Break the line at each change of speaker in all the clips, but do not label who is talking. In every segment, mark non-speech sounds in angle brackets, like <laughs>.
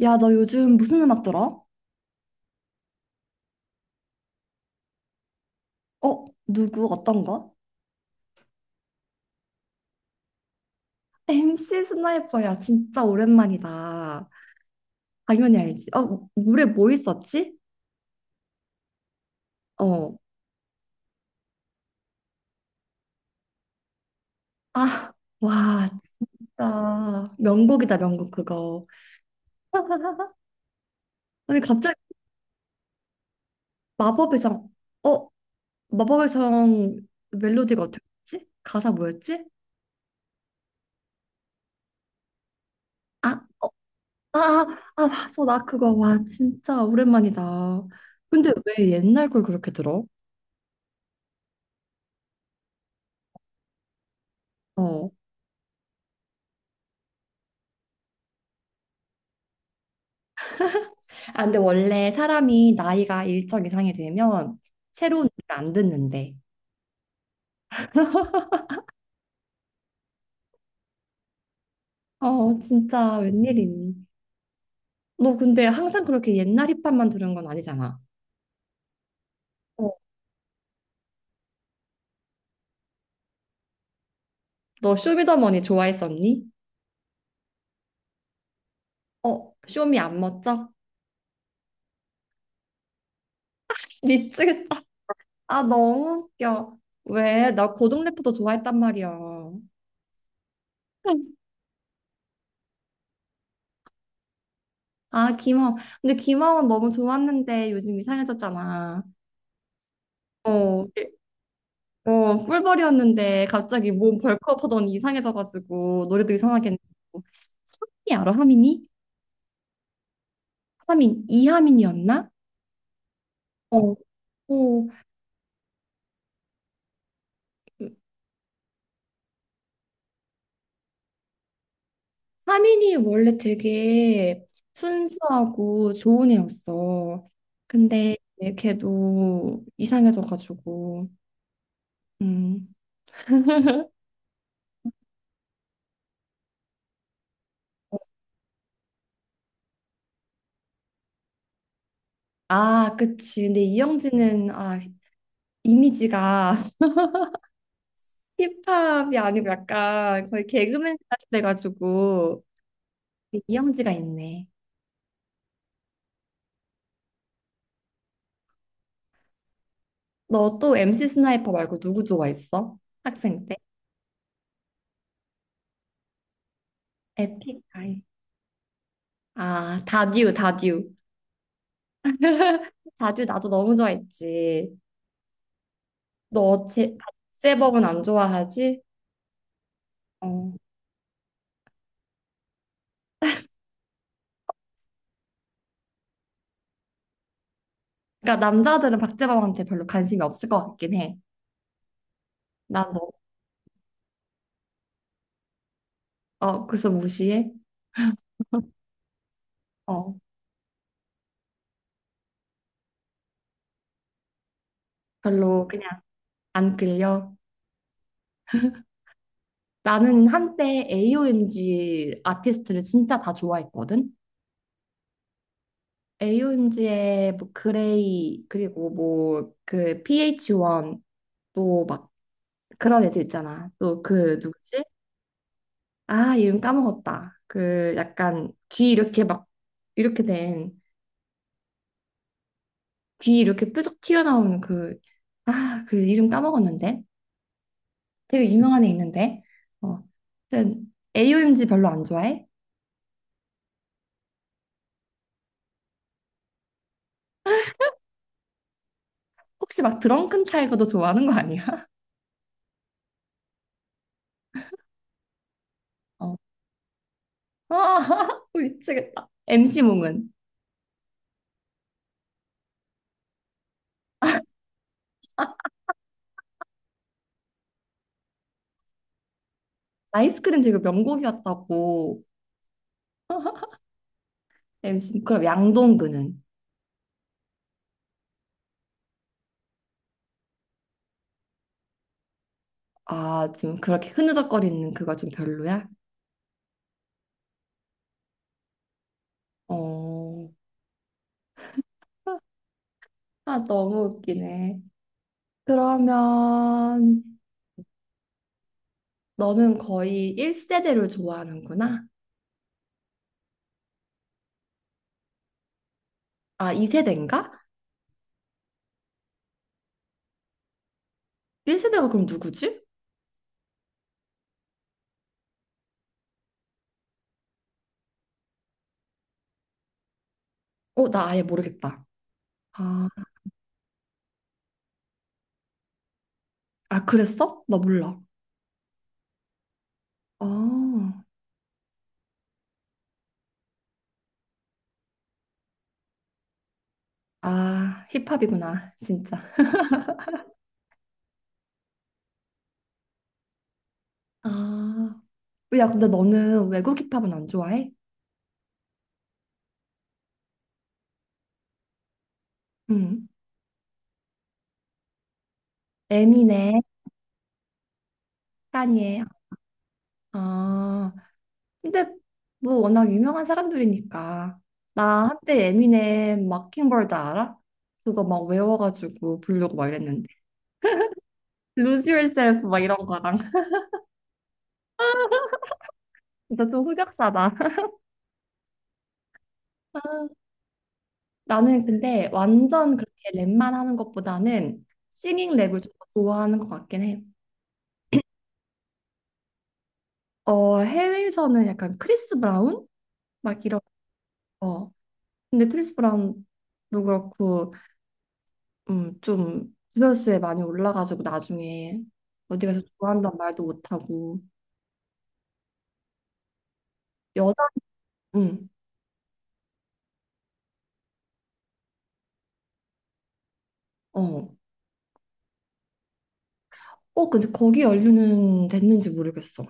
야, 너 요즘 무슨 음악 들어? 어? 누구? 어떤 거? MC 스나이퍼야, 진짜 오랜만이다. 당연히 알지. 어, 노래 뭐 있었지? 어. 아, 와, 진짜. 명곡이다, 명곡 그거. <laughs> 근데 갑자기 마법의 성, 어? 마법의 성 멜로디가 어떻게 지 가사 뭐였지? 아, 어, 아, 아, 아, 맞아, 나 그거. 와, 진짜 오랜만이다. 근데 왜 옛날 걸 그렇게 들어? 어. 아, 근데 원래 사람이 나이가 일정 이상이 되면 새로운 일을 안 듣는데. 어, 진짜 웬일이니? 너 근데 항상 그렇게 옛날 힙합만 들은 건 아니잖아. 어. 너 쇼미더머니 좋아했었니? 어, 쇼미 안 멋져? <laughs> 미치겠다. 아, 너무 웃겨. 왜? 나 고등 래퍼도 좋아했단 말이야. <laughs> 아, 김하원. 근데 김하원 너무 좋았는데 요즘 이상해졌잖아. 어, 어, 꿀벌이었는데 갑자기 몸 벌크업 하더니 이상해져가지고 노래도 이상하게 했고 하민이 알아? 하민이? 하민 이하민이었나? 어, 어. 하민이 원래 되게 순수하고 좋은 애였어. 근데 걔도 이상해져가지고 음. 어, 아, 그치. 근데 이영지는 이미지가 <laughs> 힙합이 아니고 약간 거의 개그맨 같이 돼가지고 이영지가 있네. 너 또 MC 스나이퍼 말고 누구 좋아했어? 학생 때? 에픽 아이. 아, 다듀, 다듀. 다듀 나도 너무 좋아했지. 너 제, 박재범은 안 좋아하지? 어. 그러니까 남자들은 박재범한테 별로 관심이 없을 것 같긴 해. 난 너, 어, 그래서 무시해? 어, 별로 그냥 안 끌려. 나는 한때 AOMG 아티스트를 진짜 다 좋아했거든? AOMG의 뭐 그레이, 그리고 뭐 그 PH1 또막 그런 애들 있잖아. 또 그 누구지? 아, 이름 까먹었다. 그 약간 귀 이렇게 막 이렇게 된 귀 이렇게 뾰족 튀어나오는 그 아, 그 이름 까먹었는데. 되게 유명한 애 있는데. 어. 하여튼 AOMG 별로 안 좋아해? 혹시 막 드렁큰 타이거도 좋아하는 거 아니야? <laughs> 어. 아, <laughs> 미치겠다. MC 몽은 아이스크림 되게 명곡이었다고. MC 그럼 양동근은? 아, 지금 그렇게 흐느적거리는 그거 좀 별로야? 어. 아, 너무 웃기네. 그러면 너는 거의 1세대를 좋아하는구나. 아, 2세대인가? 1세대가 그럼 누구지? 어, 나 아예 모르겠다. 아, 아, 그랬어? 나 몰라. 아, 아, 힙합이구나, 진짜. 아, 야, 근데 너는 외국 힙합은 안 좋아해? 응. 에미네, 카니에. 아, 근데 뭐 워낙 유명한 사람들이니까 나 한때 에미넴 마킹버드 알아? 그거 막 외워가지고 부르고 막 이랬는데 Lose Yourself 막 이런 거랑 <laughs> 진짜 좀 흑역사다 <laughs> 아, 나는 근데 완전 그렇게 랩만 하는 것보다는 싱잉 랩을 좀 더 좋아하는 것 같긴 해. 어, 해외에서는 약간 크리스 브라운? 막 이런 거. 근데 크리스 브라운도 그렇고 좀 스트레스에 많이 올라가지고 나중에 어디 가서 좋아한다는 말도 못하고 여자 음, 어. 어, 근데 거기 연류는 됐는지 모르겠어.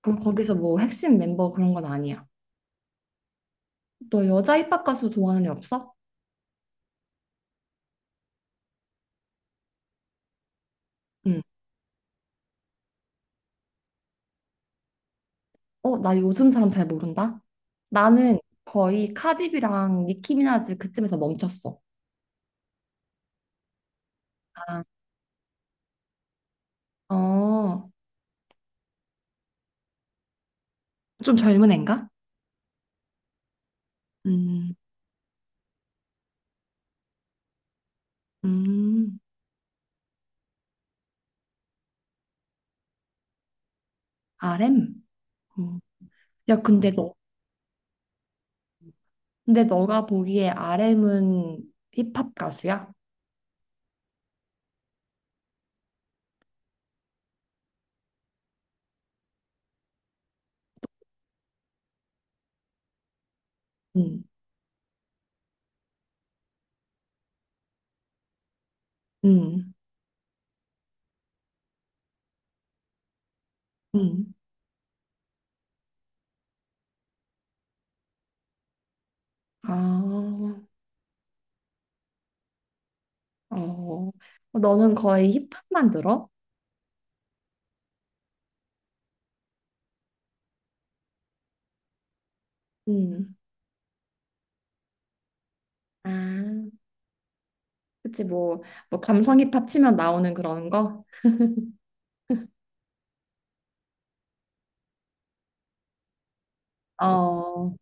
그 거기서 뭐 핵심 멤버 그런 건 아니야. 너 여자 힙합 가수 좋아하는 애 없어? 응. 어, 나 요즘 사람 잘 모른다. 나는 거의 카디비랑 니키미나즈 그쯤에서 멈췄어. 아, 어, 좀 젊은 애인가? 음, 음, RM? 음. 야, 근데 너가 보기에 RM은 힙합 가수야? 응, 응, 응. 아, 어. 너는 거의 힙합만 들어? 응. 아, 그치, 뭐, 뭐, 감성 힙합 치면 나오는 그런 거? 어, 어.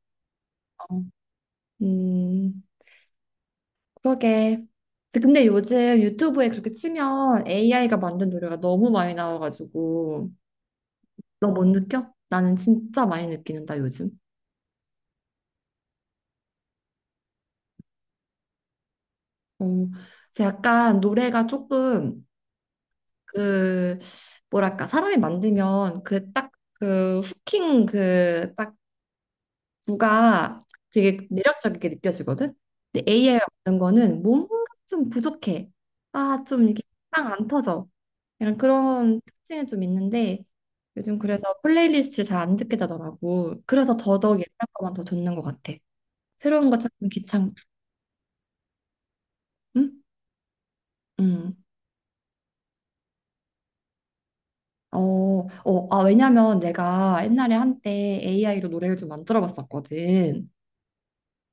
음, 그러게. 근데 요즘 유튜브에 그렇게 치면 AI가 만든 노래가 너무 많이 나와가지고, 너 못 느껴? 나는 진짜 많이 느끼는다, 요즘. 어, 그래서 약간 노래가 조금 그 뭐랄까 사람이 만들면 그 딱 그 후킹 그 딱 구가 되게 매력적이게 느껴지거든. 근데 AI 없는 거는 뭔가 좀 부족해. 아, 좀 이렇게 빵 안 터져. 약간 그런 특징이 좀 있는데 요즘 그래서 플레이리스트를 잘 안 듣게 되더라고. 그래서 더더욱 옛날 거만 더 듣는 것 같아. 새로운 거 찾는 귀찮고. 응? 응. 어, 어, 아, 왜냐면 내가 옛날에 한때 AI로 노래를 좀 만들어 봤었거든.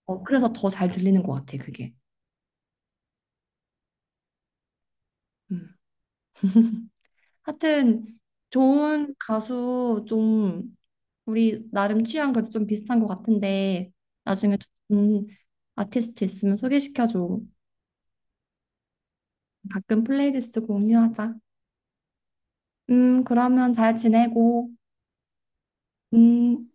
어, 그래서 더 잘 들리는 것 같아, 그게. 음. 하여튼, 좋은 가수 좀, 우리 나름 취향 그래도 좀 비슷한 것 같은데, 나중에 좋은 아티스트 있으면 소개시켜줘. 가끔 플레이리스트 공유하자. 그러면 잘 지내고, 음.